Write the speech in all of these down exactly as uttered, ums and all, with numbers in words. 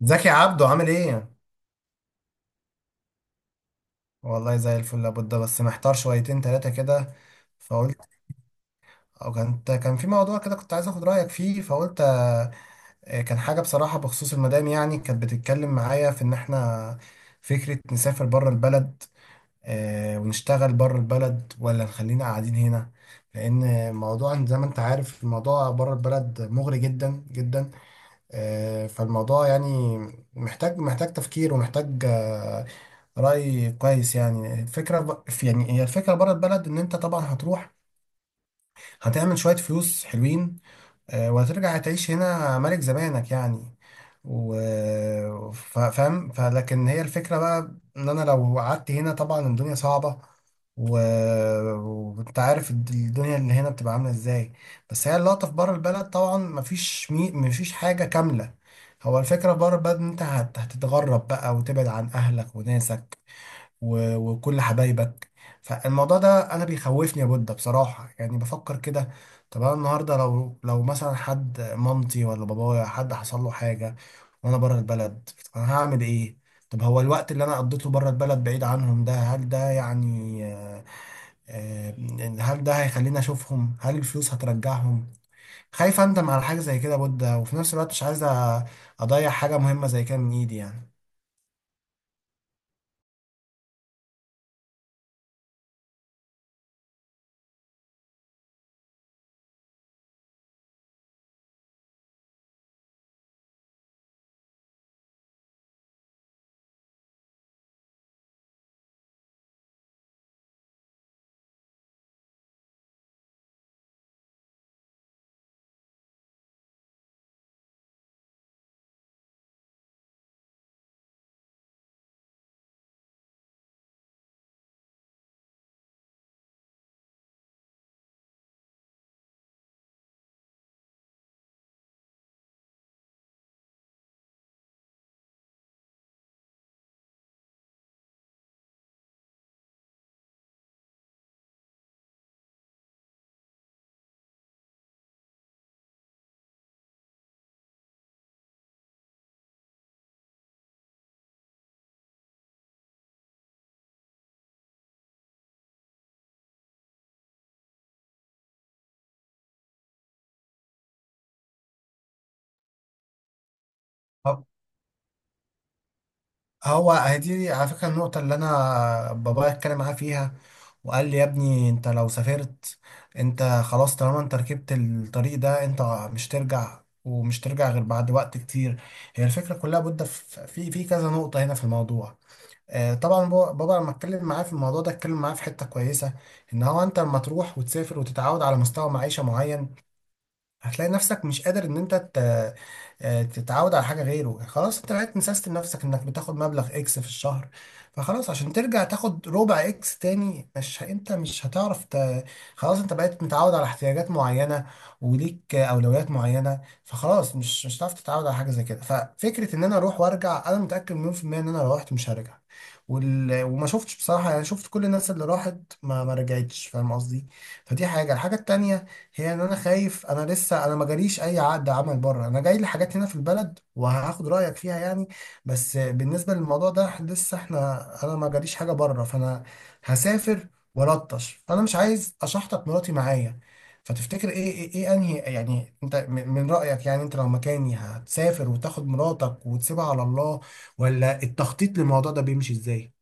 زكي عبده عامل ايه؟ والله زي الفل لابد بس محتار شويتين تلاتة كده فقلت او كان كان في موضوع كده كنت عايز اخد رأيك فيه فقلت آه، كان حاجة بصراحة بخصوص المدام، يعني كانت بتتكلم معايا في ان احنا فكرة نسافر بره البلد، آه، ونشتغل بره البلد ولا نخلينا قاعدين هنا، لان موضوع زي ما انت عارف الموضوع بره البلد مغري جدا جدا. آه، فالموضوع يعني محتاج محتاج تفكير ومحتاج آه، رأي كويس، يعني الفكرة ب- في يعني هي الفكرة بره البلد، إن أنت طبعا هتروح هتعمل شوية فلوس حلوين، آه، وهترجع تعيش هنا ملك زمانك يعني. و ف- فاهم، فلكن هي الفكرة بقى ان انا لو قعدت هنا طبعا الدنيا صعبة، و... وانت عارف الد- الدنيا اللي هنا بتبقى عاملة ازاي، بس هي اللقطة في بره البلد، طبعا مفيش مي... مفيش حاجة كاملة. هو الفكرة بره البلد ان انت هت... هتتغرب بقى، وتبعد عن اهلك وناسك و- وكل حبايبك. فالموضوع ده انا بيخوفني يا بودة بصراحة، يعني بفكر كده. طب انا النهارده لو لو مثلا حد، مامتي ولا بابايا، حد حصل له حاجة وانا بره البلد، انا هعمل ايه؟ طب هو الوقت اللي انا قضيته بره البلد بعيد عنهم ده هل ده يعني آه، آه، هل ده هيخليني اشوفهم؟ هل الفلوس هترجعهم؟ خايف اندم على حاجة زي كده يا بودة، وفي نفس الوقت مش عايز أ- اضيع حاجة مهمة زي كده من ايدي يعني. هو هدي على فكرة النقطة اللي أنا بابايا اتكلم معاه فيها، وقال لي يا ابني أنت لو سافرت أنت خلاص، طالما أنت ركبت الطريق ده أنت مش ترجع، ومش ترجع غير بعد وقت كتير. هي الفكرة كلها بودة في في في كذا نقطة هنا في الموضوع. آه، طبعا بو- بابا لما اتكلم معاه في الموضوع ده اتكلم معاه في حتة كويسة، إن هو أنت لما تروح وتسافر وتتعود على مستوى معيشة معين، هتلاقي نفسك مش قادر ان انت ت- آه، تتعود على حاجه غيره، يعني خلاص انت بقيت مسيستم نفسك انك بتاخد مبلغ اكس في الشهر، فخلاص عشان ترجع تاخد ربع اكس تاني مش ه- انت مش هتعرف ت... خلاص انت بقيت متعود على احتياجات معينه، وليك آه، اولويات معينه، فخلاص مش مش هتعرف تتعود على حاجه زي كده. ففكره ان انا اروح وارجع، انا متاكد مليون في الميه ان انا لو رحت مش هرجع. وال... وما شفتش بصراحه، يعني شفت كل الناس اللي راحت ما ما رجعتش، فاهم قصدي؟ فدي حاجه. الحاجه التانيه هي ان انا خايف، انا لسه انا ما جاليش اي عقد عمل بره، انا جاي لي حاجات هنا في البلد وهاخد رايك فيها يعني. بس بالنسبه للموضوع ده لسه احنا، انا ما جاليش حاجه بره، فانا هسافر ولطش، فانا مش عايز اشحطك مراتي معايا. فتفتكر ايه، ايه, إيه انهي يعني، انت من من رايك يعني انت لو مكاني هتسافر وتاخد مراتك وتسيبها على الله، ولا التخطيط للموضوع ده بيمشي ازاي؟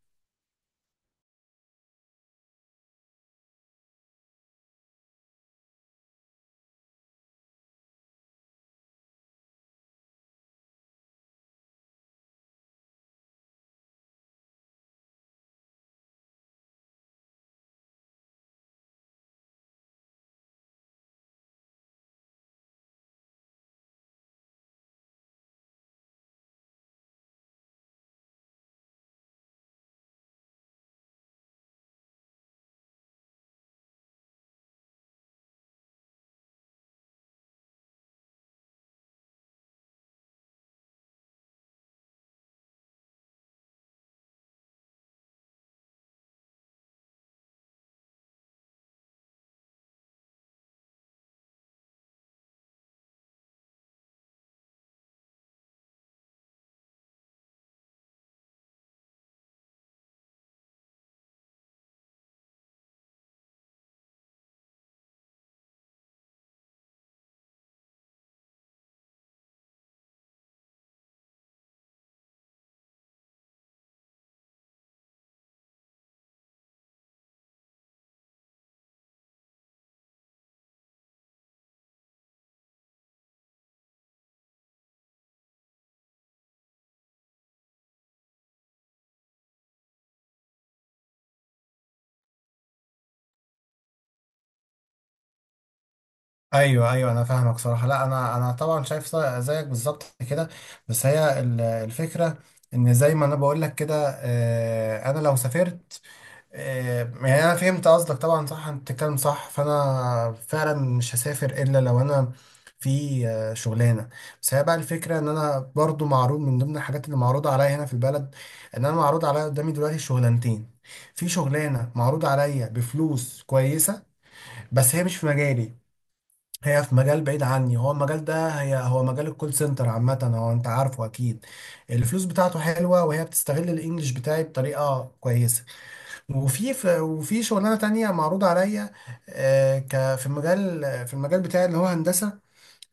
ايوه ايوه انا فاهمك صراحه. لا انا، انا طبعا شايف زي- زيك بالظبط كده. بس هي ال- الفكره ان زي ما انا بقول لك كده، آه، انا لو سافرت، آه، يعني انا فهمت قصدك طبعا. صح، انت بتتكلم صح. فانا فعلا مش هسافر الا لو انا في آه، شغلانه. بس هي بقى الفكره ان انا برضو معروض، من ضمن الحاجات اللي معروضه عليا هنا في البلد ان انا معروض عليا قدامي دلوقتي شغلانتين. في شغلانه معروض عليا بفلوس كويسه، بس هي مش في مجالي، هي في مجال بعيد عني. هو المجال ده هي هو مجال الكول سنتر عامة، هو انت عارفه اكيد، الفلوس بتاعته حلوة، وهي بتستغل الانجليش بتاعي بطريقة كويسة. وفي ف- وفي شغلانة تانية معروضة عليا، آه، ك- في المجال في المجال بتاعي اللي هو هندسة،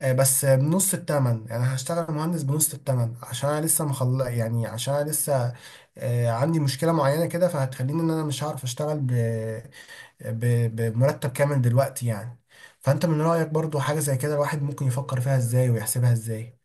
آه، بس بنص التمن، يعني هشتغل مهندس بنص التمن عشان انا لسه مخل، يعني عشان انا لسه آه، عندي مشكلة معينة كده، فهتخليني ان انا مش هعرف اشتغل ب- بمرتب كامل دلوقتي يعني. فانت من رأيك برضو حاجة زي كده الواحد ممكن يفكر فيها ازاي ويحسبها ازاي؟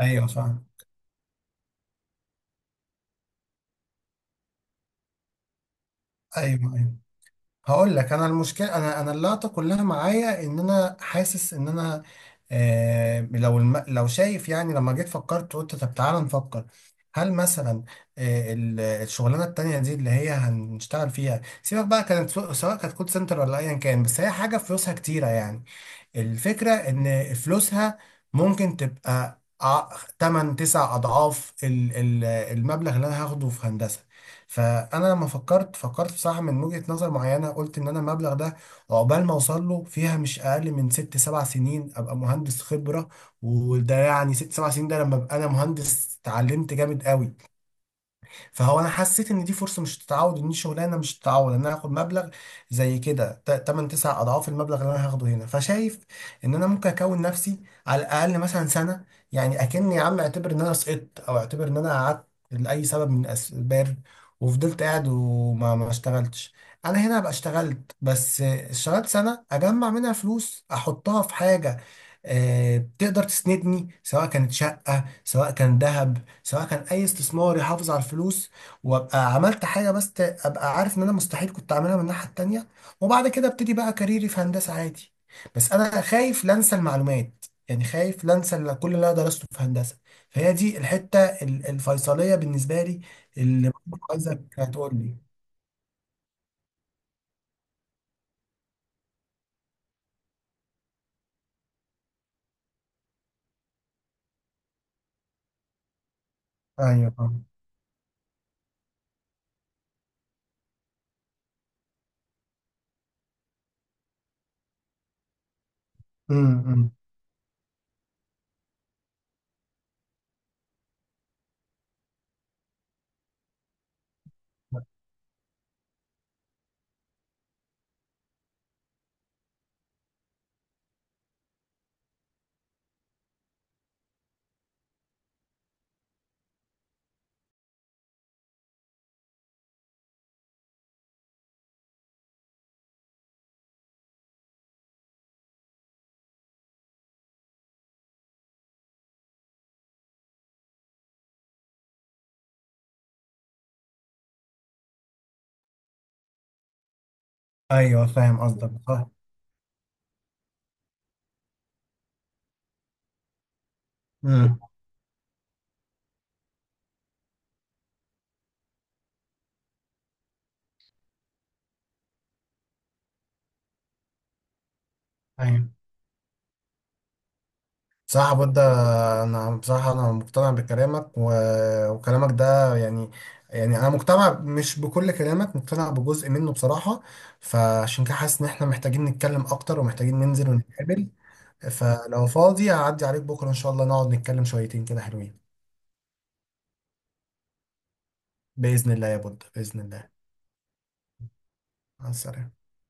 ايوه فاهم. ايوه ايوه هقول لك، انا المشكله، انا انا اللقطه كلها معايا ان انا حاسس ان انا آه لو الم... لو شايف يعني لما جيت فكرت قلت طب تعالى نفكر هل مثلا آه ال- الشغلانه التانيه دي اللي هي هنشتغل فيها، سيبك بقى كانت سو- سواء كانت كول سنتر ولا ايا كان، بس هي حاجه فلوسها كتيره يعني، الفكرة ان فلوسها ممكن تبقى ثماني تسع اضعاف ال- ال- المبلغ اللي انا هاخده في هندسة. فانا لما فكرت، فكرت بصراحة من وجهة نظر معينة، قلت ان انا المبلغ ده عقبال ما اوصل له فيها مش اقل من ست سبع سنين ابقى مهندس خبرة، وده يعني ست سبع سنين ده لما ابقى انا مهندس اتعلمت جامد قوي. فهو انا حسيت ان دي فرصه مش تتعوض، ان دي شغلانه مش تتعوض، ان انا هاخد مبلغ زي كده ثماني تسعة اضعاف المبلغ اللي انا هاخده هنا. فشايف ان انا ممكن اكون نفسي على الاقل مثلا سنه، يعني اكني يا عم اعتبر ان انا سقطت، او اعتبر ان انا قعدت لاي سبب من الاسباب وفضلت قاعد وما ما اشتغلتش، انا هنا ابقى اشتغلت، بس اشتغلت سنه اجمع منها فلوس احطها في حاجه آه، تقدر تسندني، سواء كانت شقة، سواء كان ذهب، سواء كان اي استثمار يحافظ على الفلوس، وابقى عملت حاجه بس ت- ابقى عارف ان انا مستحيل كنت اعملها من الناحيه التانيه، وبعد كده ابتدي بقى كاريري في هندسه عادي. بس انا خايف لا انسى المعلومات، يعني خايف لا انسى ال- كل اللي انا درسته في هندسه. فهي دي الحته ال- الفيصليه بالنسبه لي، اللي عايزك هتقول لي. ايوه امم امم. ايوه فاهم قصدك صح. امم ايوه صح ده. انا بصراحه انا مقتنع بكلامك، و... وكلامك ده يعني، يعني انا مقتنع مش بكل كلامك، مقتنع بجزء منه بصراحه، فعشان كده حاسس ان احنا محتاجين نتكلم اكتر ومحتاجين ننزل ونتقابل. فلو فاضي هعدي عليك بكره ان شاء الله نقعد نتكلم شويتين كده حلوين. باذن الله يا بود، باذن الله. مع السلامه.